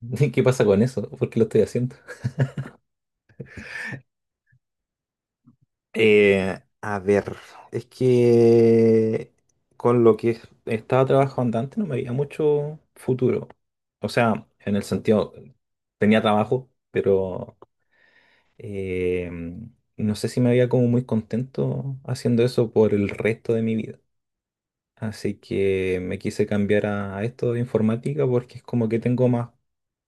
¿Qué pasa con eso? ¿Por qué lo estoy haciendo? A ver, es que con lo que estaba trabajando antes no me veía mucho futuro. O sea, en el sentido, tenía trabajo, pero eh, no sé si me veía como muy contento haciendo eso por el resto de mi vida. Así que me quise cambiar a esto de informática porque es como que tengo más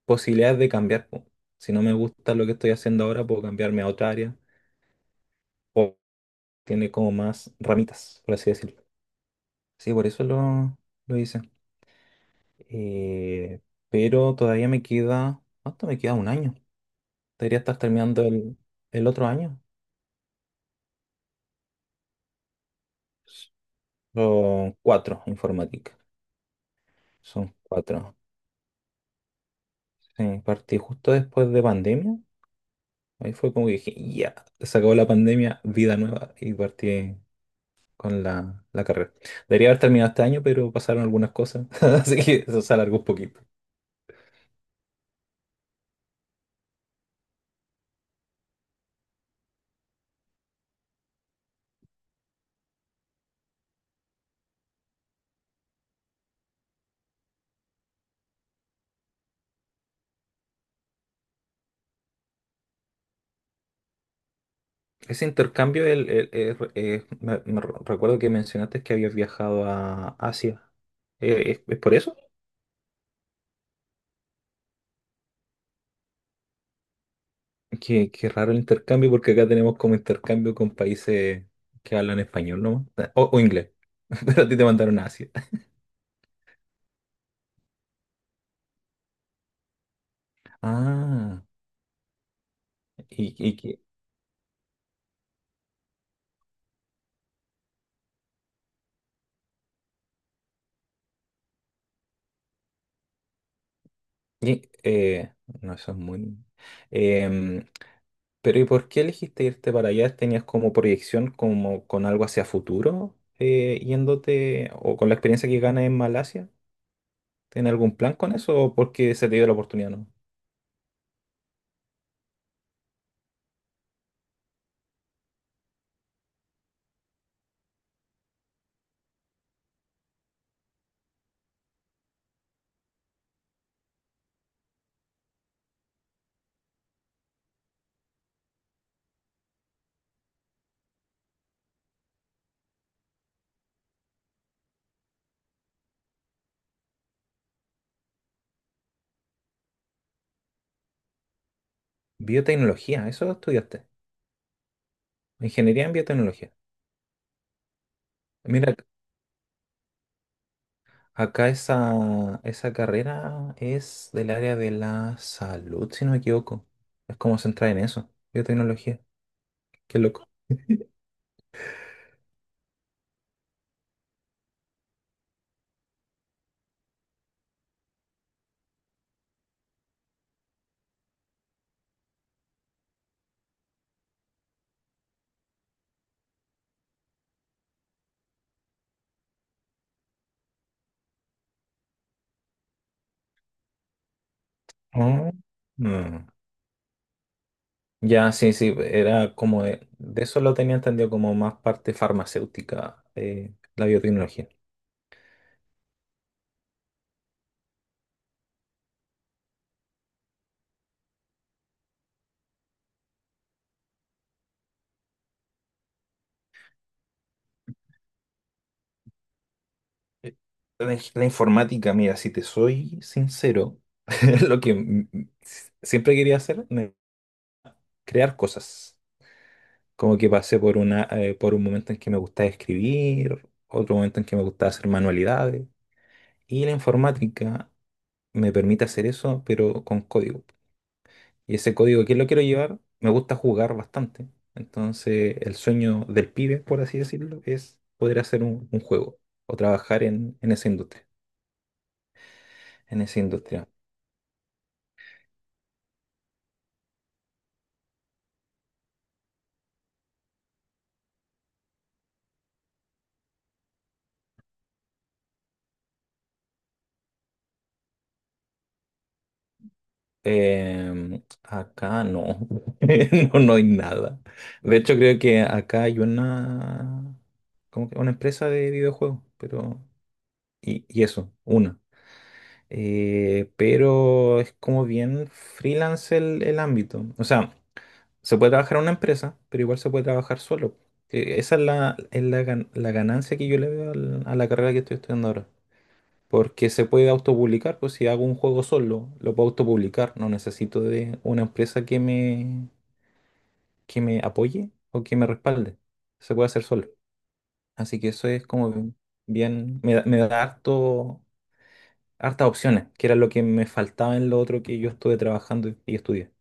posibilidades de cambiar po. Si no me gusta lo que estoy haciendo ahora, puedo cambiarme a otra área, tiene como más ramitas, por así decirlo. Sí, por eso lo hice. Eh, pero todavía me queda, ¿cuánto me queda? Un año. Debería estar terminando el otro año. Son cuatro informática. Son cuatro. Sí, partí justo después de pandemia. Ahí fue como que dije, ya, se acabó la pandemia, vida nueva. Y partí con la carrera. Debería haber terminado este año, pero pasaron algunas cosas. Así que eso se alargó un poquito. Ese intercambio, me recuerdo que mencionaste que habías viajado a Asia. ¿Es por eso? Qué raro el intercambio, porque acá tenemos como intercambio con países que hablan español nomás, o inglés, pero a ti te mandaron a Asia. Ah, y, y, que- y, eh, no, eso es muy. em, pero ¿y por qué elegiste irte para allá? ¿Tenías como proyección como con algo hacia futuro, yéndote o con la experiencia que ganas en Malasia? ¿Tiene algún plan con eso o porque se te dio la oportunidad, no? Biotecnología, eso estudiaste. Ingeniería en biotecnología. Mira, acá esa carrera es del área de la salud, si no me equivoco. Es como centrar en eso, biotecnología. Qué loco. Ah, mm. Ya, sí, sí, era como de eso lo tenía entendido como más parte farmacéutica, la biotecnología. Eh, la informática, mira, si te soy sincero, lo que siempre quería hacer, crear cosas. Como que pasé por por un momento en que me gustaba escribir, otro momento en que me gustaba hacer manualidades. Y la informática me permite hacer eso, pero con código. Y ese código, ¿que lo quiero llevar? Me gusta jugar bastante. Entonces, el sueño del pibe, por así decirlo, es poder hacer un juego o trabajar en esa industria. Acá no. No, no hay nada. De hecho, creo que acá hay una, como que una empresa de videojuegos, pero. Y eso, una. Pero es como bien freelance el ámbito. O sea, se puede trabajar en una empresa, pero igual se puede trabajar solo. Esa es la ganancia que yo le veo a la carrera que estoy estudiando ahora. Porque se puede autopublicar, pues si hago un juego solo, lo puedo autopublicar. No necesito de una empresa que me apoye o que me respalde. Se puede hacer solo. Así que eso es como me da hartas opciones, que era lo que me faltaba en lo otro que yo estuve trabajando y estudié.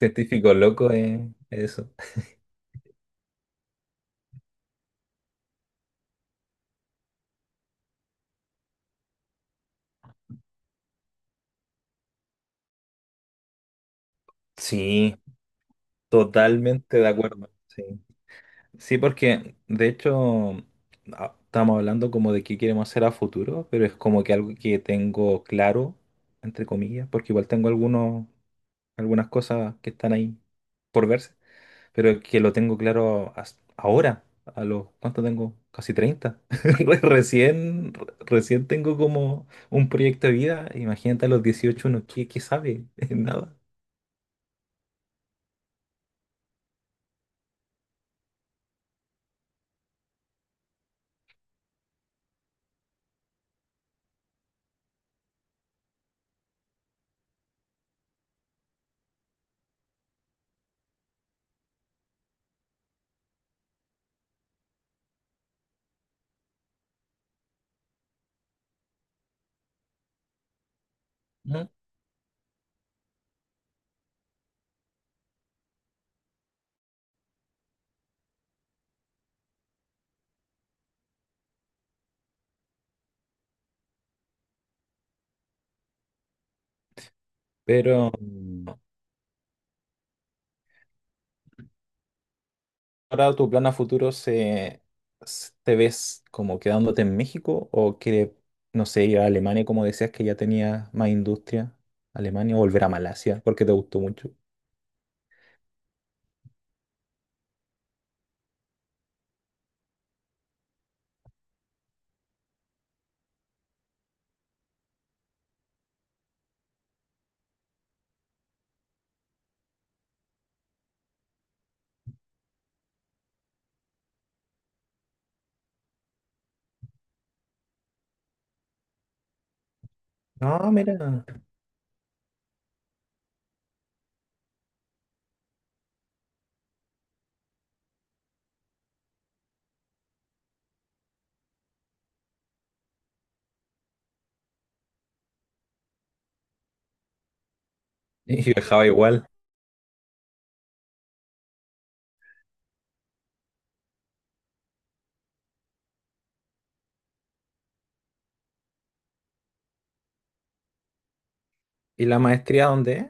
Científico loco es eso. Sí, totalmente de acuerdo. Sí. Sí, porque de hecho estamos hablando como de qué queremos hacer a futuro, pero es como que algo que tengo claro, entre comillas, porque igual tengo algunas cosas que están ahí por verse, pero que lo tengo claro ahora, ¿cuánto tengo? Casi 30. Recién tengo como un proyecto de vida, imagínate a los 18, uno, ¿qué sabe? Nada. ¿No? Pero, ahora tu plan a futuro ¿te ves como quedándote en México o quieres, no sé, ir a Alemania como decías que ya tenía más industria? Alemania o volver a Malasia porque te gustó mucho. No, mira. Y viajaba igual. ¿Y la maestría dónde es?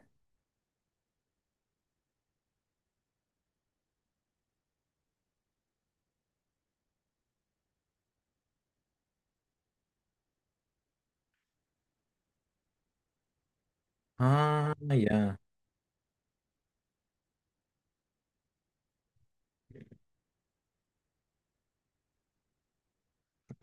Ah, ya.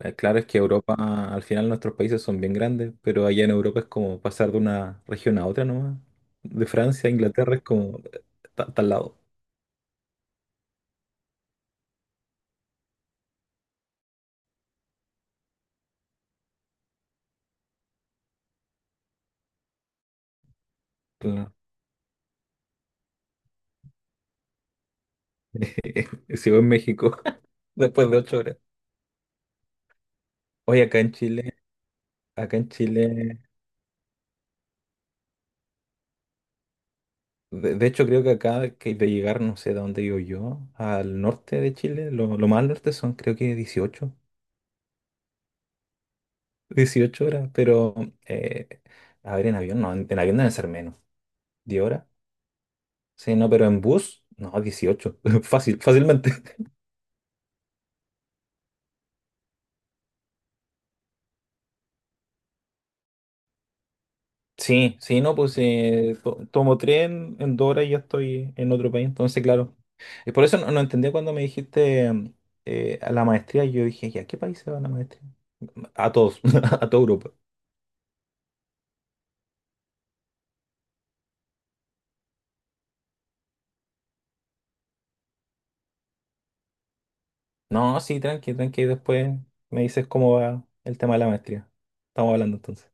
Claro, es que Europa, al final nuestros países son bien grandes, pero allá en Europa es como pasar de una región a otra nomás. De Francia a Inglaterra es como, está lado. Claro. Sigo en México después de 8 horas. Oye, acá en Chile, de hecho creo que acá que de llegar, no sé de dónde vivo yo, al norte de Chile, lo más al norte son creo que 18, 18 horas, pero eh, a ver, en avión no, en avión deben ser menos, 10 horas, sí, no, pero en bus, no, 18, fácil, fácilmente. Sí, sí, no, pues tomo tren en 2 horas y ya estoy en otro país, entonces claro. Y por eso no entendía cuando me dijiste a la maestría, yo dije, ¿y a qué país se va la maestría? A todos, a todo grupo. No, sí, tranqui, tranqui. Después me dices cómo va el tema de la maestría. Estamos hablando entonces.